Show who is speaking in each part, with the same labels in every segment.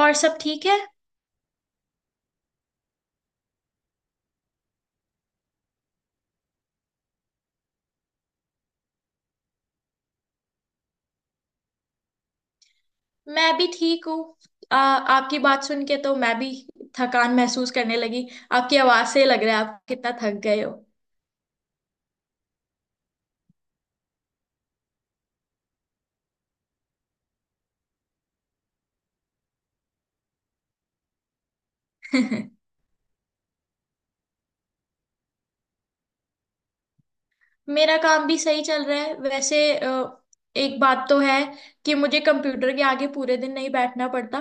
Speaker 1: और सब ठीक है। मैं भी ठीक हूँ। आपकी बात सुन के तो मैं भी थकान महसूस करने लगी। आपकी आवाज से लग रहा है आप कितना थक गए हो। मेरा काम भी सही चल रहा है वैसे। एक बात तो है कि मुझे कंप्यूटर के आगे पूरे दिन नहीं बैठना पड़ता।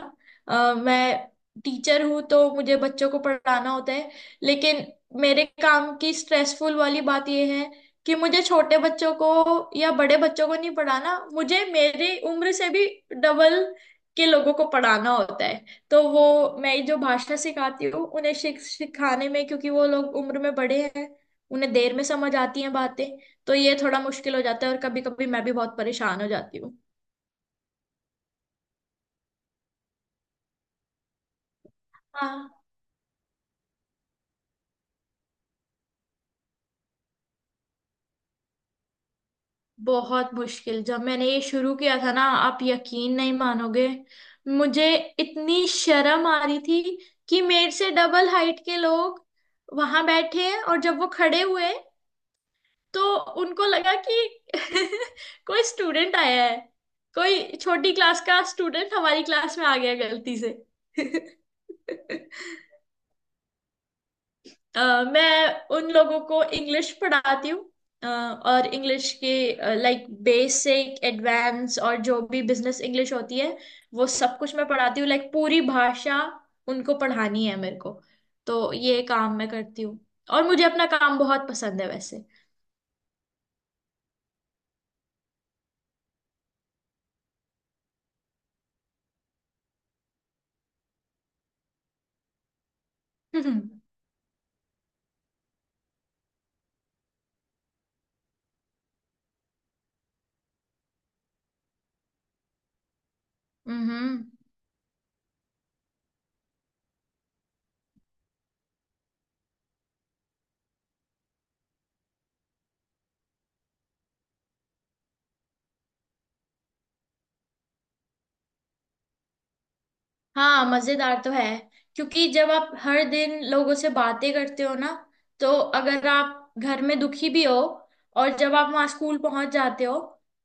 Speaker 1: मैं टीचर हूँ तो मुझे बच्चों को पढ़ाना होता है, लेकिन मेरे काम की स्ट्रेसफुल वाली बात यह है कि मुझे छोटे बच्चों को या बड़े बच्चों को नहीं पढ़ाना, मुझे मेरी उम्र से भी डबल के लोगों को पढ़ाना होता है। तो वो मैं जो भाषा सिखाती हूँ उन्हें सिखाने में, क्योंकि वो लोग उम्र में बड़े हैं उन्हें देर में समझ आती हैं बातें, तो ये थोड़ा मुश्किल हो जाता है और कभी कभी मैं भी बहुत परेशान हो जाती हूँ। हाँ, बहुत मुश्किल। जब मैंने ये शुरू किया था ना, आप यकीन नहीं मानोगे, मुझे इतनी शर्म आ रही थी कि मेरे से डबल हाइट के लोग वहां बैठे हैं, और जब वो खड़े हुए तो उनको लगा कि कोई स्टूडेंट आया है। कोई छोटी क्लास का स्टूडेंट हमारी क्लास में आ गया गलती से। मैं उन लोगों को इंग्लिश पढ़ाती हूँ। और इंग्लिश के लाइक बेसिक, एडवांस और जो भी बिजनेस इंग्लिश होती है, वो सब कुछ मैं पढ़ाती हूँ। लाइक पूरी भाषा उनको पढ़ानी है मेरे को, तो ये काम मैं करती हूँ। और मुझे अपना काम बहुत पसंद है वैसे। हम्म। हाँ, मजेदार तो है, क्योंकि जब आप हर दिन लोगों से बातें करते हो ना, तो अगर आप घर में दुखी भी हो और जब आप वहाँ स्कूल पहुंच जाते हो,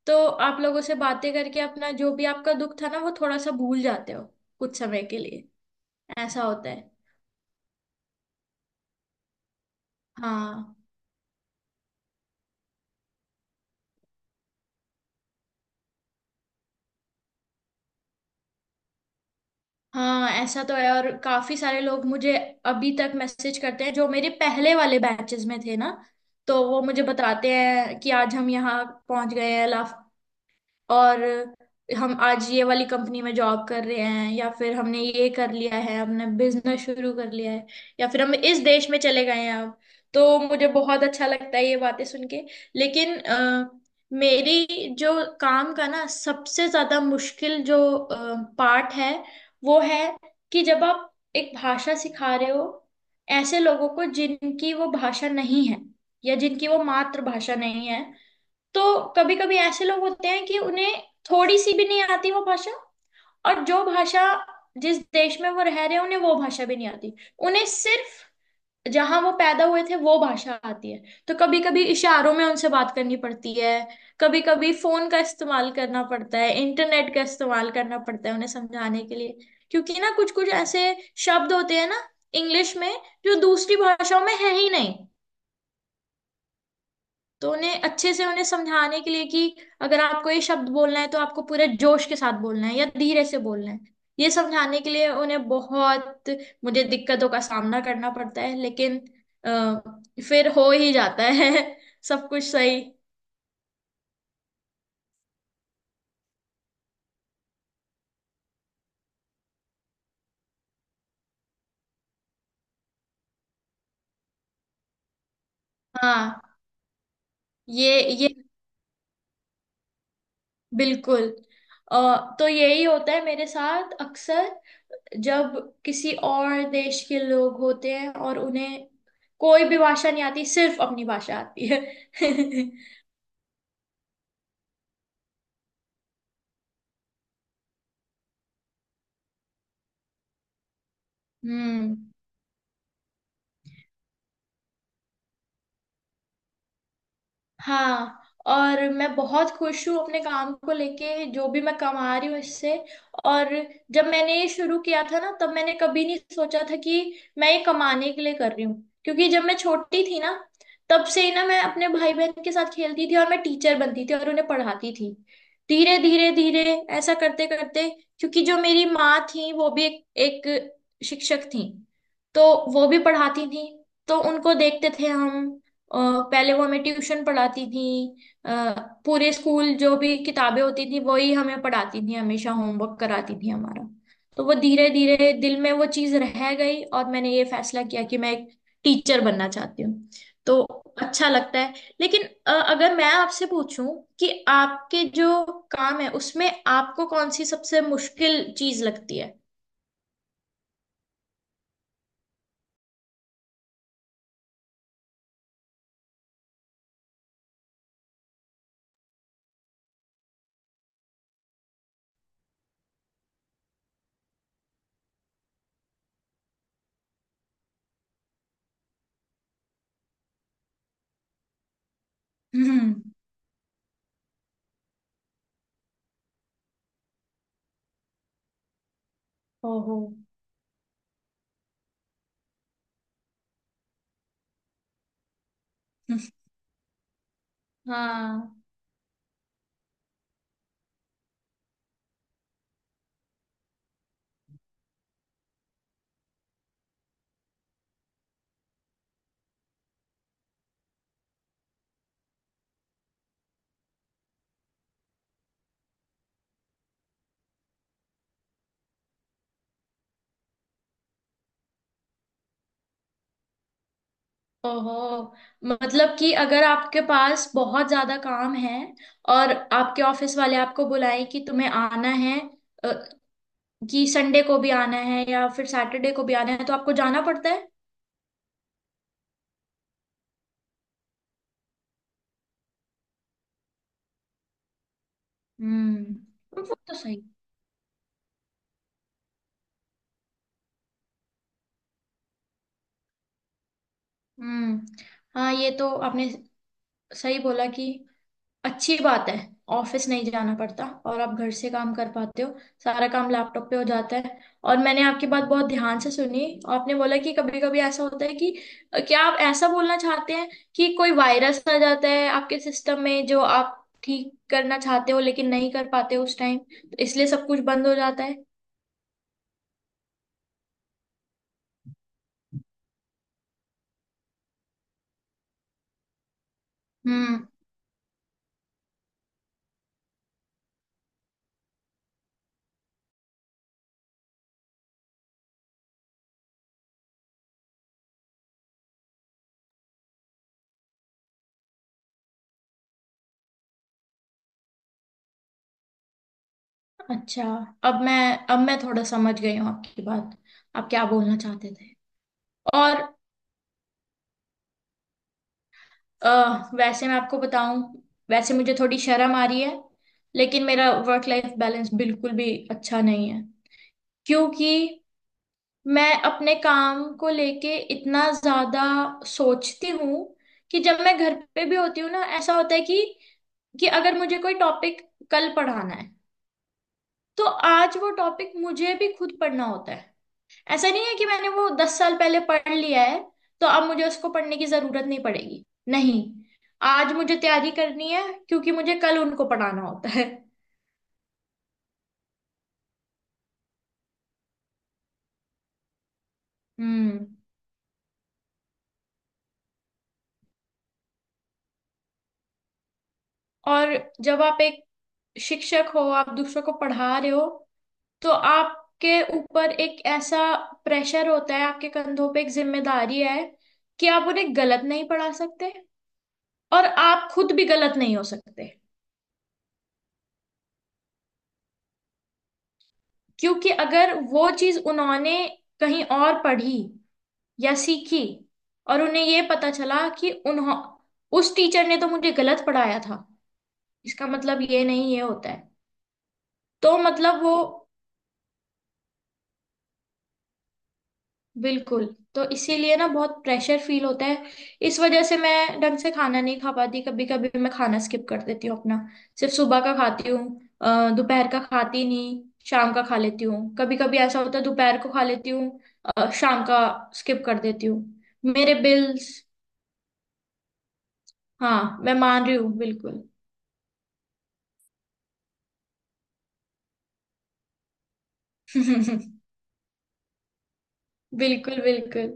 Speaker 1: तो आप लोगों से बातें करके अपना जो भी आपका दुख था ना वो थोड़ा सा भूल जाते हो कुछ समय के लिए। ऐसा होता है। हाँ। हाँ, ऐसा तो है। और काफी सारे लोग मुझे अभी तक मैसेज करते हैं जो मेरे पहले वाले बैचेस में थे ना, तो वो मुझे बताते हैं कि आज हम यहाँ पहुंच गए हैं लाफ, और हम आज ये वाली कंपनी में जॉब कर रहे हैं, या फिर हमने ये कर लिया है, हमने बिजनेस शुरू कर लिया है, या फिर हम इस देश में चले गए हैं अब। तो मुझे बहुत अच्छा लगता है ये बातें सुन के। लेकिन मेरी जो काम का ना सबसे ज्यादा मुश्किल जो पार्ट है वो है कि जब आप एक भाषा सिखा रहे हो ऐसे लोगों को जिनकी वो भाषा नहीं है, या जिनकी वो मातृभाषा नहीं है, तो कभी कभी ऐसे लोग होते हैं कि उन्हें थोड़ी सी भी नहीं आती वो भाषा, और जो भाषा जिस देश में वो रह रहे हैं उन्हें वो भाषा भी नहीं आती, उन्हें सिर्फ जहां वो पैदा हुए थे वो भाषा आती है। तो कभी कभी इशारों में उनसे बात करनी पड़ती है, कभी कभी फोन का इस्तेमाल करना पड़ता है, इंटरनेट का इस्तेमाल करना पड़ता है उन्हें समझाने के लिए। क्योंकि ना कुछ कुछ ऐसे शब्द होते हैं ना इंग्लिश में, जो दूसरी भाषाओं में है ही नहीं। तो उन्हें अच्छे से उन्हें समझाने के लिए कि अगर आपको ये शब्द बोलना है तो आपको पूरे जोश के साथ बोलना है या धीरे से बोलना है, ये समझाने के लिए उन्हें बहुत, मुझे दिक्कतों का सामना करना पड़ता है। लेकिन आ, फिर हो ही जाता है। सब कुछ सही। हाँ। ये बिल्कुल। तो यही होता है मेरे साथ अक्सर, जब किसी और देश के लोग होते हैं और उन्हें कोई भी भाषा नहीं आती, सिर्फ अपनी भाषा आती है। हम्म। हाँ। और मैं बहुत खुश हूँ अपने काम को लेके, जो भी मैं कमा रही हूँ इससे। और जब मैंने ये शुरू किया था ना, तब मैंने कभी नहीं सोचा था कि मैं ये कमाने के लिए कर रही हूँ। क्योंकि जब मैं छोटी थी ना, तब से ही ना मैं अपने भाई बहन के साथ खेलती थी और मैं टीचर बनती थी और उन्हें पढ़ाती थी। धीरे धीरे धीरे ऐसा करते करते, क्योंकि जो मेरी माँ थी वो भी एक शिक्षक थी, तो वो भी पढ़ाती थी, तो उनको देखते थे हम। अ, पहले वो हमें ट्यूशन पढ़ाती थी। अ, पूरे स्कूल जो भी किताबें होती थी वही हमें पढ़ाती थी, हमेशा होमवर्क कराती थी हमारा। तो वो धीरे धीरे दिल में वो चीज रह गई और मैंने ये फैसला किया कि मैं एक टीचर बनना चाहती हूँ। तो अच्छा लगता है। लेकिन अगर मैं आपसे पूछूं कि आपके जो काम है उसमें आपको कौन सी सबसे मुश्किल चीज लगती है? हम्म। ओहो। हाँ। ओहो, मतलब कि अगर आपके पास बहुत ज्यादा काम है और आपके ऑफिस वाले आपको बुलाएं कि तुम्हें आना है, अ, कि संडे को भी आना है या फिर सैटरडे को भी आना है, तो आपको जाना पड़ता है? हम्म। वो तो सही। हम्म। हाँ, ये तो आपने सही बोला कि अच्छी बात है ऑफिस नहीं जाना पड़ता और आप घर से काम कर पाते हो, सारा काम लैपटॉप पे हो जाता है। और मैंने आपकी बात बहुत ध्यान से सुनी। आपने बोला कि कभी कभी ऐसा होता है कि, क्या आप ऐसा बोलना चाहते हैं कि कोई वायरस आ जाता है आपके सिस्टम में जो आप ठीक करना चाहते हो लेकिन नहीं कर पाते हो उस टाइम, तो इसलिए सब कुछ बंद हो जाता है? हम्म। अच्छा। अब मैं अब मैं थोड़ा समझ गई हूँ आपकी बात आप क्या बोलना चाहते थे। और अ, वैसे मैं आपको बताऊं, वैसे मुझे थोड़ी शर्म आ रही है लेकिन मेरा वर्क लाइफ बैलेंस बिल्कुल भी अच्छा नहीं है। क्योंकि मैं अपने काम को लेके इतना ज्यादा सोचती हूँ कि जब मैं घर पे भी होती हूँ ना, ऐसा होता है कि अगर मुझे कोई टॉपिक कल पढ़ाना है, तो आज वो टॉपिक मुझे भी खुद पढ़ना होता है। ऐसा नहीं है कि मैंने वो दस साल पहले पढ़ लिया है तो अब मुझे उसको पढ़ने की जरूरत नहीं पड़ेगी, नहीं। आज मुझे तैयारी करनी है क्योंकि मुझे कल उनको पढ़ाना होता है। हम्म। और जब आप एक शिक्षक हो, आप दूसरों को पढ़ा रहे हो, तो आपके ऊपर एक ऐसा प्रेशर होता है, आपके कंधों पे एक जिम्मेदारी है कि आप उन्हें गलत नहीं पढ़ा सकते, और आप खुद भी गलत नहीं हो सकते। क्योंकि अगर वो चीज उन्होंने कहीं और पढ़ी या सीखी, और उन्हें ये पता चला कि उन्हों उस टीचर ने तो मुझे गलत पढ़ाया था, इसका मतलब ये नहीं ये होता है। तो मतलब वो बिल्कुल, तो इसीलिए ना बहुत प्रेशर फील होता है। इस वजह से मैं ढंग से खाना नहीं खा पाती, कभी कभी मैं खाना स्किप कर देती हूँ अपना। सिर्फ सुबह का खाती हूँ, दोपहर का खाती नहीं, शाम का खा लेती हूँ। कभी कभी ऐसा होता है दोपहर को खा लेती हूँ, शाम का स्किप कर देती हूँ। मेरे बिल्स। हाँ, मैं मान रही हूँ, बिल्कुल। बिल्कुल, बिल्कुल।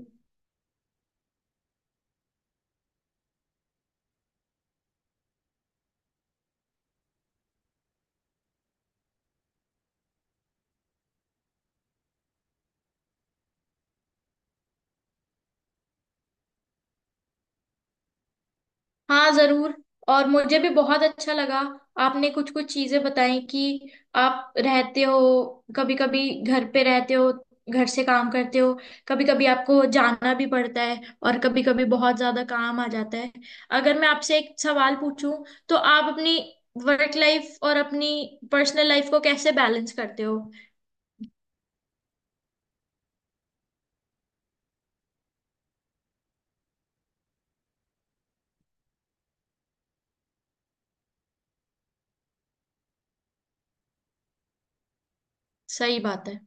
Speaker 1: हाँ, जरूर। और मुझे भी बहुत अच्छा लगा। आपने कुछ कुछ चीजें बताई कि आप रहते हो, कभी कभी घर पे रहते हो, घर से काम करते हो, कभी कभी आपको जाना भी पड़ता है, और कभी कभी बहुत ज्यादा काम आ जाता है। अगर मैं आपसे एक सवाल पूछूं, तो आप अपनी वर्क लाइफ और अपनी पर्सनल लाइफ को कैसे बैलेंस करते हो? सही बात है।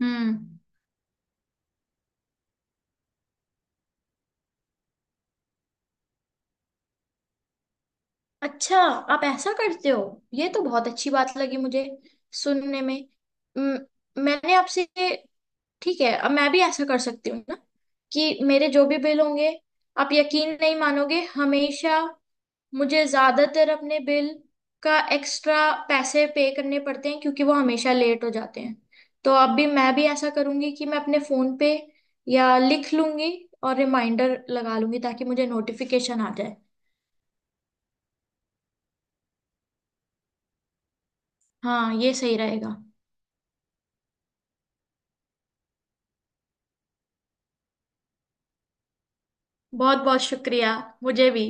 Speaker 1: हम्म। अच्छा, आप ऐसा करते हो? ये तो बहुत अच्छी बात लगी मुझे सुनने में। म- मैंने आपसे, ठीक है, अब मैं भी ऐसा कर सकती हूँ ना कि मेरे जो भी बिल होंगे, आप यकीन नहीं मानोगे, हमेशा मुझे ज्यादातर अपने बिल का एक्स्ट्रा पैसे पे करने पड़ते हैं क्योंकि वो हमेशा लेट हो जाते हैं। तो अब भी मैं भी ऐसा करूंगी कि मैं अपने फोन पे या लिख लूंगी और रिमाइंडर लगा लूंगी ताकि मुझे नोटिफिकेशन आ जाए। हाँ, ये सही रहेगा। बहुत बहुत शुक्रिया। मुझे भी।